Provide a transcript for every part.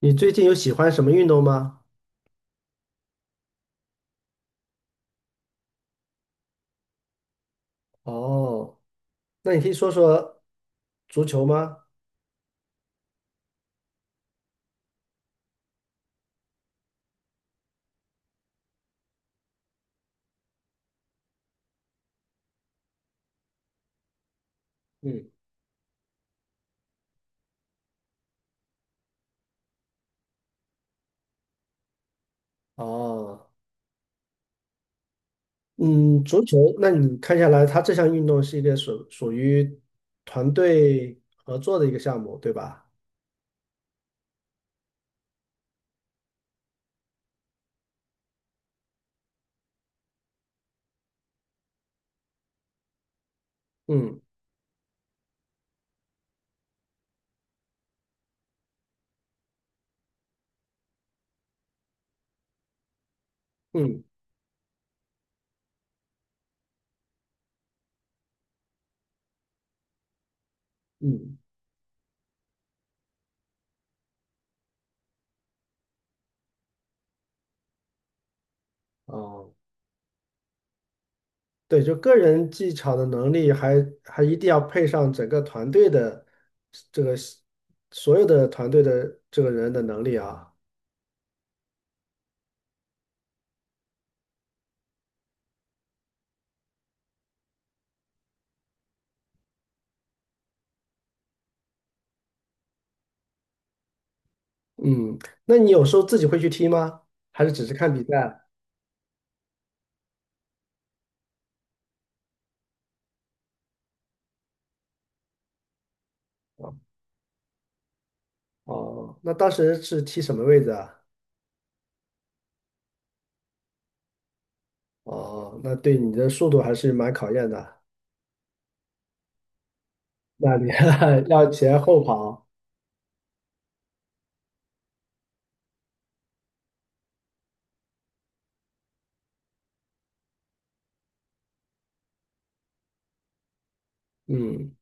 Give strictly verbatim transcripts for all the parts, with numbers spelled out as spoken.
你最近有喜欢什么运动吗？哦，那你可以说说足球吗？嗯，哦，嗯，足球，那你看下来，它这项运动是一个属属于团队合作的一个项目，对吧？嗯嗯嗯，哦，对，就个人技巧的能力还，还一定要配上整个团队的这个所有的团队的这个人的能力啊。嗯，那你有时候自己会去踢吗？还是只是看比赛？哦，那当时是踢什么位置啊？哦，那对你的速度还是蛮考验的。那你 要前后跑，嗯，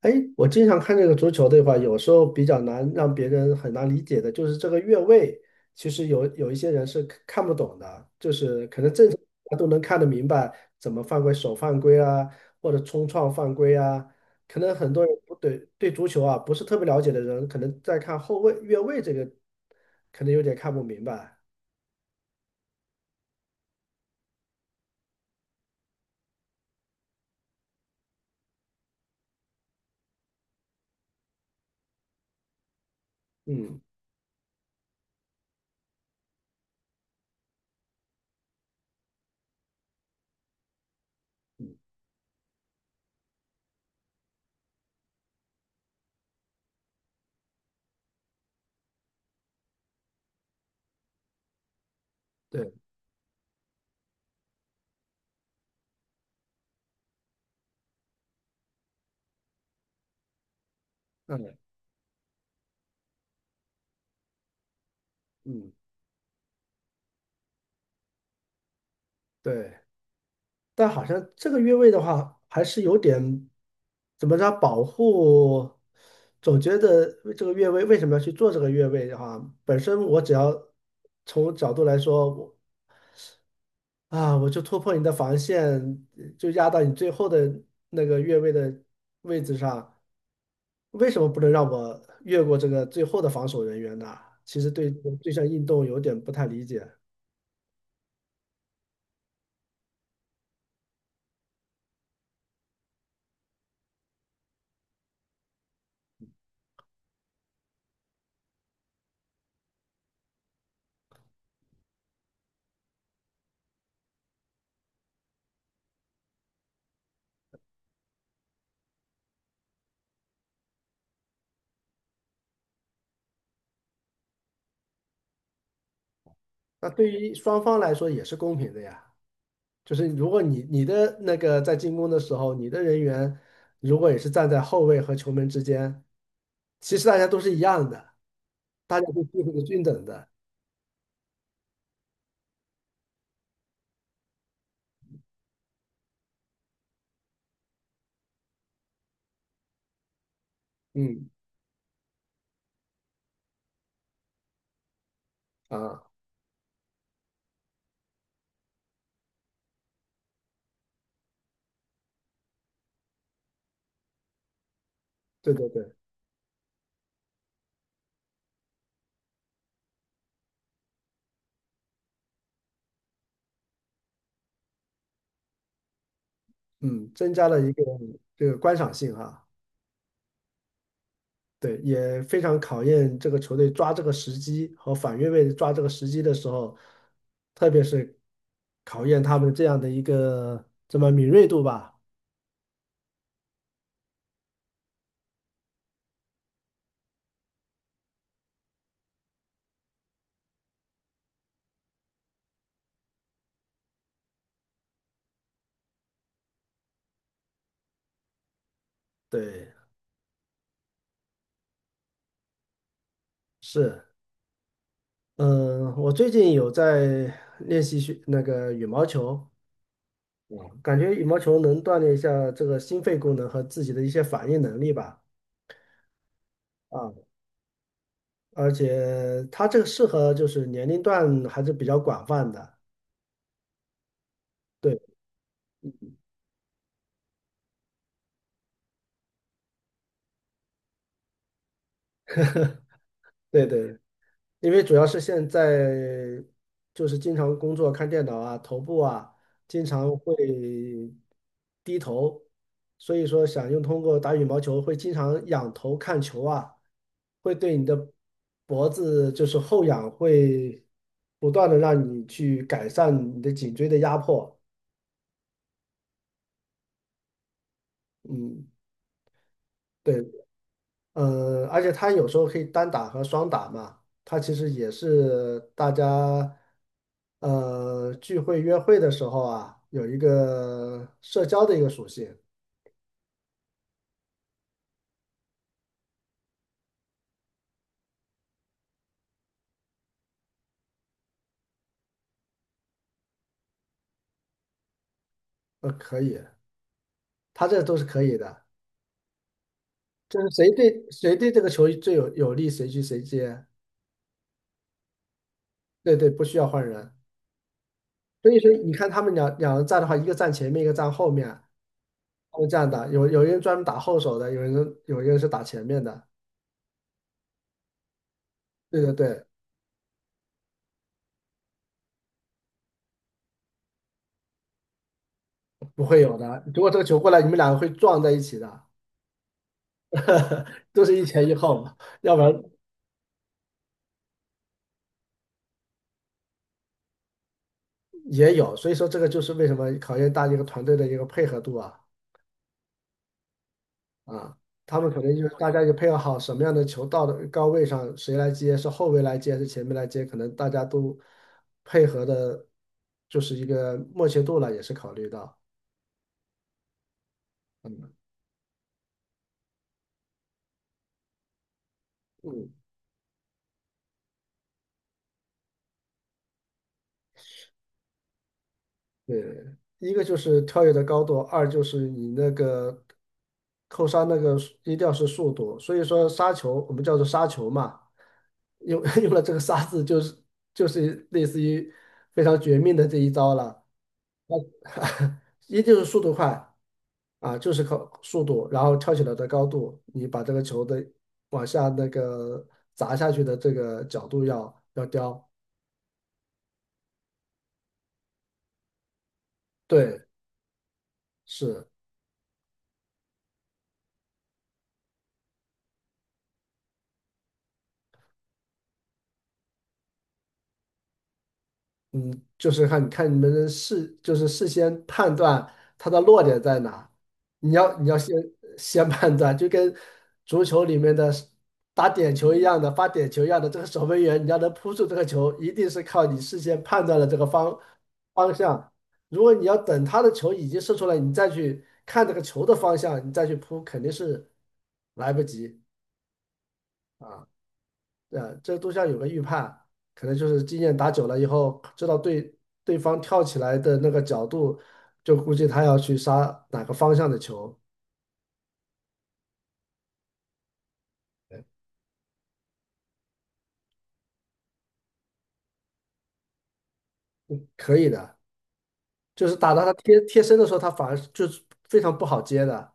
哎，我经常看这个足球的话，有时候比较难让别人很难理解的，就是这个越位，其实有有一些人是看看不懂的，就是可能正常他都能看得明白怎么犯规，手犯规啊，或者冲撞犯规啊，可能很多人不对对足球啊不是特别了解的人，可能在看后卫越位这个，可能有点看不明白。嗯，对，嗯嗯，对，但好像这个越位的话，还是有点怎么着保护，总觉得这个越位为什么要去做这个越位的话，本身我只要从角度来说，我啊，我就突破你的防线，就压到你最后的那个越位的位置上，为什么不能让我越过这个最后的防守人员呢？其实对这个这项运动有点不太理解。那对于双方来说也是公平的呀。就是如果你你的那个在进攻的时候，你的人员如果也是站在后卫和球门之间，其实大家都是一样的，大家都机会是均等的。嗯，啊，对对对，嗯，增加了一个这个观赏性哈，对，也非常考验这个球队抓这个时机和反越位抓这个时机的时候，特别是考验他们这样的一个这么敏锐度吧。对，是。嗯，我最近有在练习学那个羽毛球，我感觉羽毛球能锻炼一下这个心肺功能和自己的一些反应能力吧。啊，而且它这个适合就是年龄段还是比较广泛的。对对对，因为主要是现在就是经常工作看电脑啊，头部啊，经常会低头，所以说想用通过打羽毛球会经常仰头看球啊。会对你的脖子就是后仰，会不断的让你去改善你的颈椎的压迫。嗯，对，呃，而且它有时候可以单打和双打嘛，它其实也是大家呃聚会约会的时候啊，有一个社交的一个属性。呃，可以，它这都是可以的，就是谁对谁对这个球最有有利，谁去谁接。对对，不需要换人。所以说你看他们两两人站的话，一个站前面，一个站后面，他这样的，有有人专门打后手的，有人有一个人是打前面的。对对对，不会有的。如果这个球过来，你们两个会撞在一起的，都是一前一后嘛，要不然也有。所以说这个就是为什么考验大家一个团队的一个配合度啊啊，他们可能就是大家也配合好什么样的球到的高位上，谁来接，是后卫来接还是前面来接，可能大家都配合的，就是一个默契度了，也是考虑到。嗯嗯，对，一个就是跳跃的高度，二就是你那个扣杀那个速一定要是速度，所以说杀球我们叫做杀球嘛，用 用了这个杀字就是就是类似于非常绝命的这一招了，一定是速度快啊，就是靠速度，然后跳起来的高度，你把这个球的往下那个砸下去的这个角度要要刁，对，是。就是看看你们的事，就是事先判断它的落点在哪。你要你要先先判断，就跟足球里面的打点球一样的，发点球一样的，这个守门员你要能扑住这个球，一定是靠你事先判断了这个方方向。如果你要等他的球已经射出来，你再去看这个球的方向，你再去扑，肯定是来不及。啊，这都像有个预判，可能就是经验打久了以后，知道对对方跳起来的那个角度，就估计他要去杀哪个方向的球，可以的。就是打到他贴贴身的时候，他反而就是非常不好接的，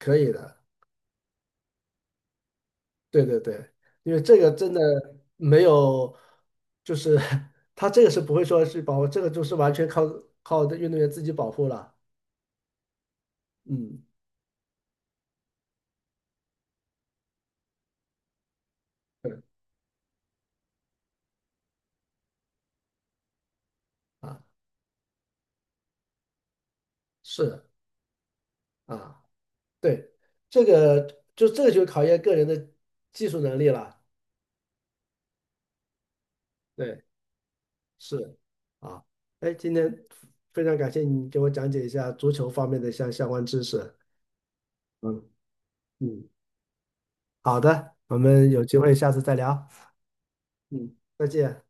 可以的。对对对，因为这个真的没有，就是 他这个是不会说是保护，这个就是完全靠靠运动员自己保护了。嗯，对啊，是啊。对，这个就这个就考验个人的技术能力了。对，是啊，哎，今天非常感谢你给我讲解一下足球方面的相相关知识。嗯嗯，好的，我们有机会下次再聊。嗯，再见。